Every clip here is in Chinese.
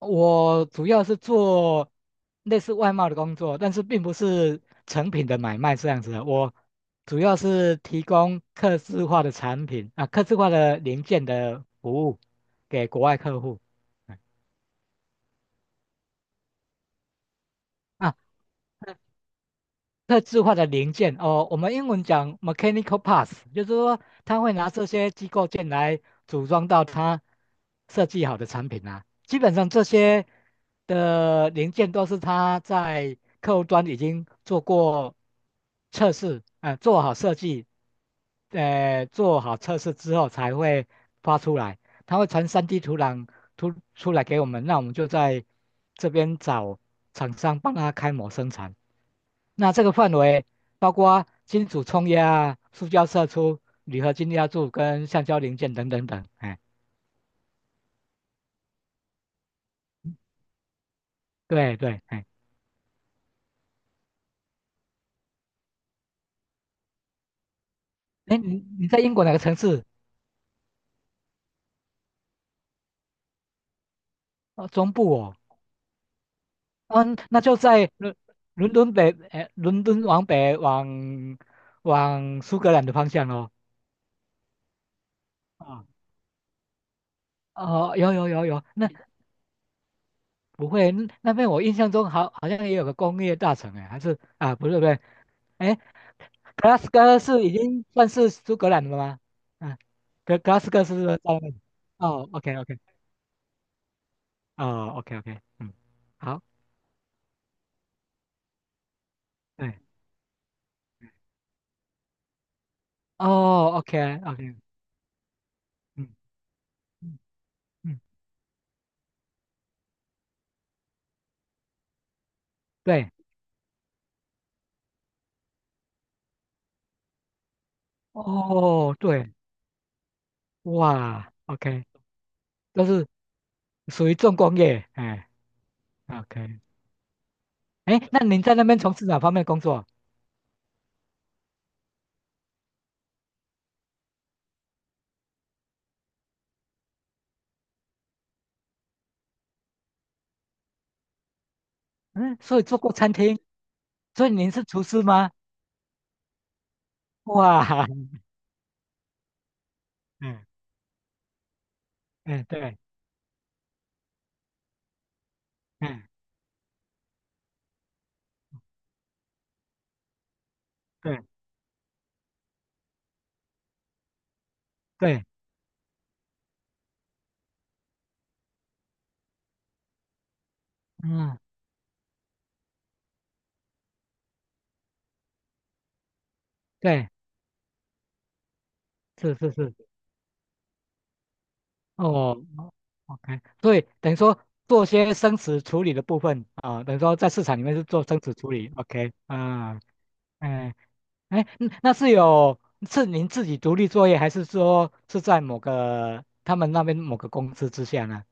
我主要是做类似外贸的工作，但是并不是成品的买卖这样子的。我主要是提供客制化的产品啊，客制化的零件的服务给国外客户。嗯啊，特制化的零件哦，我们英文讲 mechanical parts，就是说他会拿这些机构件来组装到他设计好的产品啊。基本上这些的零件都是他在客户端已经做过测试，做好设计，做好测试之后才会发出来，他会传 3D 图档图出来给我们，那我们就在这边找厂商帮他开模生产。那这个范围包括金属冲压啊、塑胶射出、铝合金压铸跟橡胶零件等等等。哎，对对，哎，哎，你在英国哪个城市？哦，中部哦，嗯，那就在伦敦北，哎，伦敦往北往苏格兰的方向哦。啊，哦，有有有有，那不会，那那边我印象中好像也有个工业大城哎，还是啊，不是不是，哎，格拉斯哥是已经算是苏格兰了吗？嗯，格拉斯哥是不是在那边？哦，OK OK，哦，OK OK，嗯，好，对，哦，OK OK，嗯嗯嗯，对，哦对，哇，OK，都是属于重工业，哎，OK，哎，那您在那边从事哪方面工作？嗯，所以做过餐厅，所以您是厨师吗？哇，嗯嗯，对，嗯对对，嗯对，是是是。哦哦，OK，对，等于说做些生词处理的部分啊，等于说在市场里面是做生词处理，OK，啊，哎哎，嗯那是有是您自己独立作业，还是说是在某个他们那边某个公司之下呢？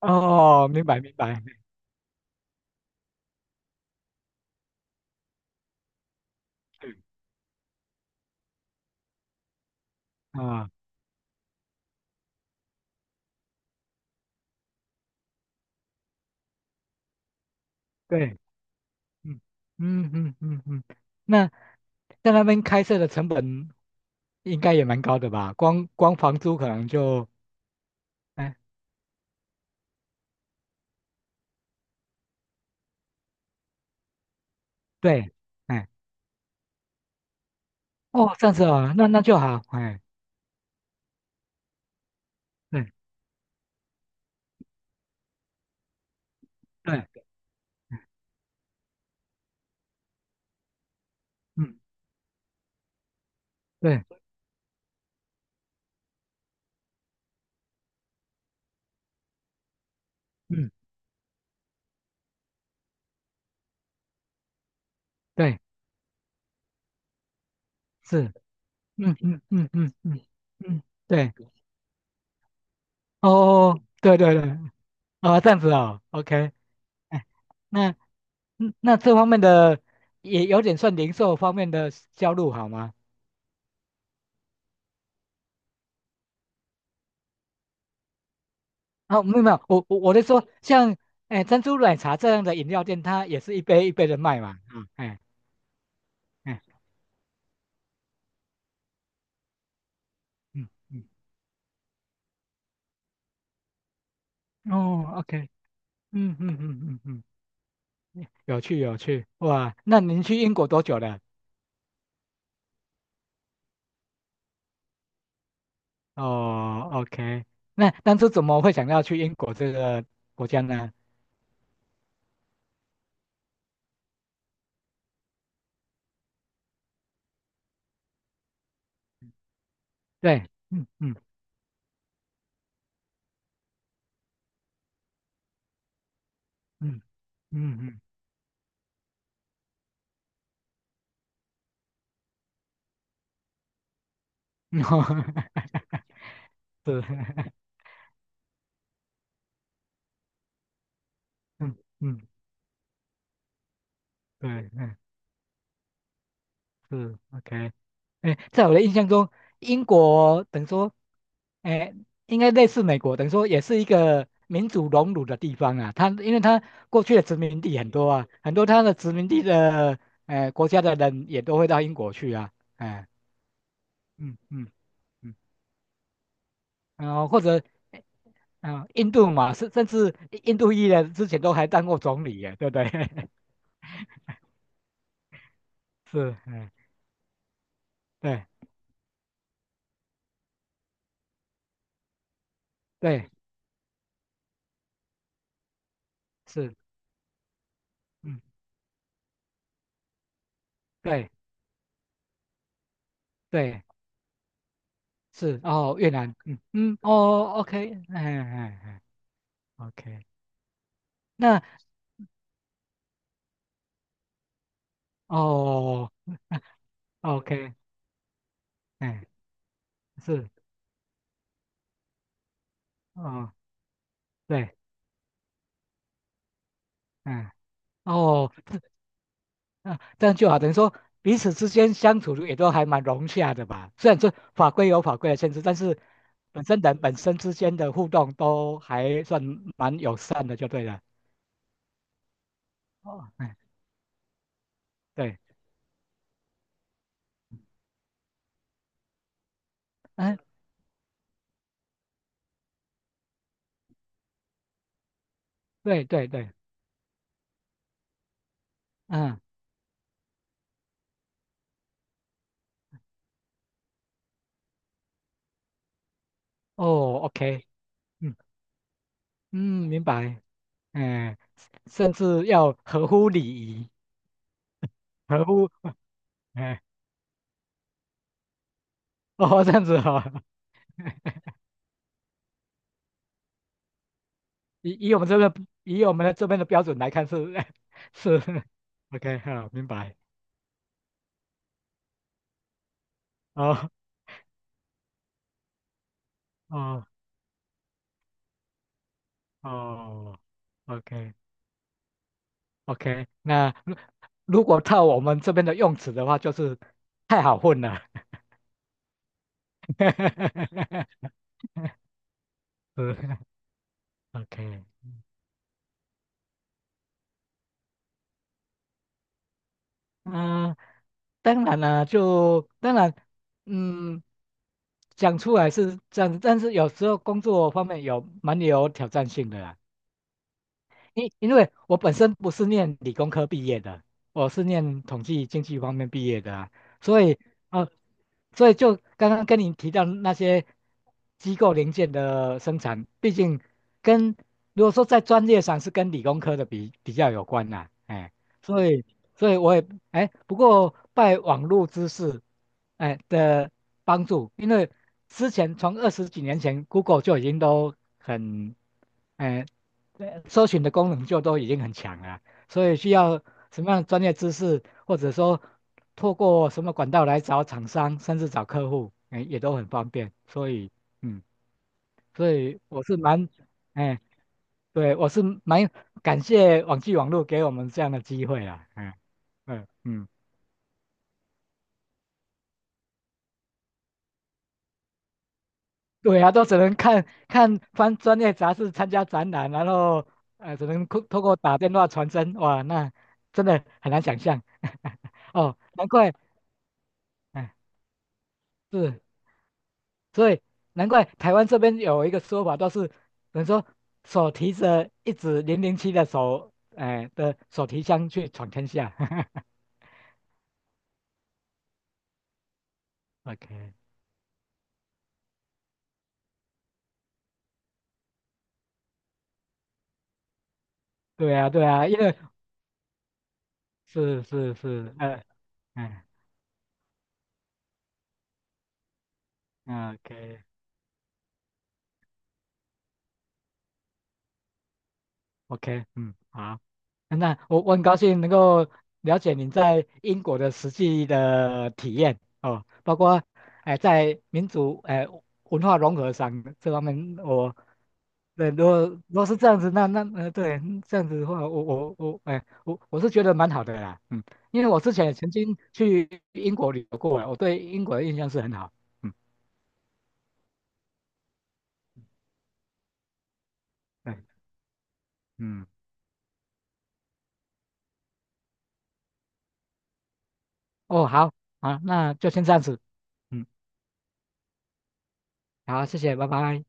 哦，明白明白，嗯啊，对，嗯嗯嗯嗯嗯，那在那边开设的成本应该也蛮高的吧？光房租可能就，哎，对，哎。哦，这样子啊，那那就好，哎，对对，嗯，对，嗯，对，是，嗯嗯嗯嗯嗯嗯，对，哦，对对对，啊，这样子哦，OK，哎，那嗯那这方面的也有点算零售方面的销路好吗？啊，没有没有，我在说像哎珍珠奶茶这样的饮料店，它也是一杯一杯的卖嘛，啊，哎哎，嗯嗯，哦，OK，嗯嗯嗯嗯嗯。嗯 有趣有趣，哇！那您去英国多久了？哦，OK，那当初怎么会想要去英国这个国家呢？对，嗯嗯嗯嗯嗯，嗯 是，嗯嗯，对，嗯是，OK。哎，在我的印象中，英国等于说，哎，应该类似美国，等于说也是一个民主荣辱的地方啊。它因为它过去的殖民地很多啊，很多它的殖民地的国家的人也都会到英国去啊。哎，嗯嗯嗯，然后或者印度嘛，甚至印度裔的之前都还当过总理耶，对不对？是，哎，对对是，嗯对对是，哦，越南，嗯嗯，哦，OK，哎哎哎。OK，那哦，OK，哎，是，哦，对，嗯，哦，这啊，这样就好，等于说彼此之间相处也都还蛮融洽的吧。虽然说法规有法规的限制，但是本身人本身之间的互动都还算蛮友善的，就对了。哦，哎，对，嗯，对对对，嗯，哦，OK，嗯嗯，明白，哎，甚至要合乎礼仪，合乎，哎，哦，这样子哦。以我们这边以我们的这边的标准来看是 是，OK，好，明白。哦哦哦，OK OK，那如果套我们这边的用词的话，就是太好混了。是 OK，嗯、当然啦、就当然，嗯，讲出来是这样子，但是有时候工作方面有蛮有挑战性的啦。因为我本身不是念理工科毕业的，我是念统计经济方面毕业的啊，所以呃，所以就刚刚跟你提到那些机构零件的生产，毕竟跟如果说在专业上是跟理工科的比较有关啦、哎，所以所以我也哎，不过拜网络知识哎的帮助，因为之前从二十几年前，Google 就已经都很。哎，对，搜寻的功能就都已经很强了啊，所以需要什么样的专业知识，或者说透过什么管道来找厂商，甚至找客户，哎，也都很方便。所以，嗯，所以我是蛮，哎，对，我是蛮感谢网际网络给我们这样的机会啦，嗯嗯嗯，对啊，都只能看看翻专业杂志，参加展览，然后只能透过打电话传真，哇，那真的很难想象，哦，难怪。嗯是，所以难怪台湾这边有一个说法，都是等于说手提着一支007的手，哎、的手提箱去闯天下。OK，对啊，对啊，因为是是是，嗯，OK OK，嗯，好，那我很高兴能够了解您在英国的实际的体验哦，包括哎、在民族哎、文化融合上这方面，我对，如果是这样子，那那对，嗯这样子的话，我，哎，我是觉得蛮好的啦，嗯，因为我之前也曾经去英国旅游过了我对英国的印象是很好，嗯，对，嗯，哦，好，好，那就先这样子，嗯，好，谢谢，拜拜。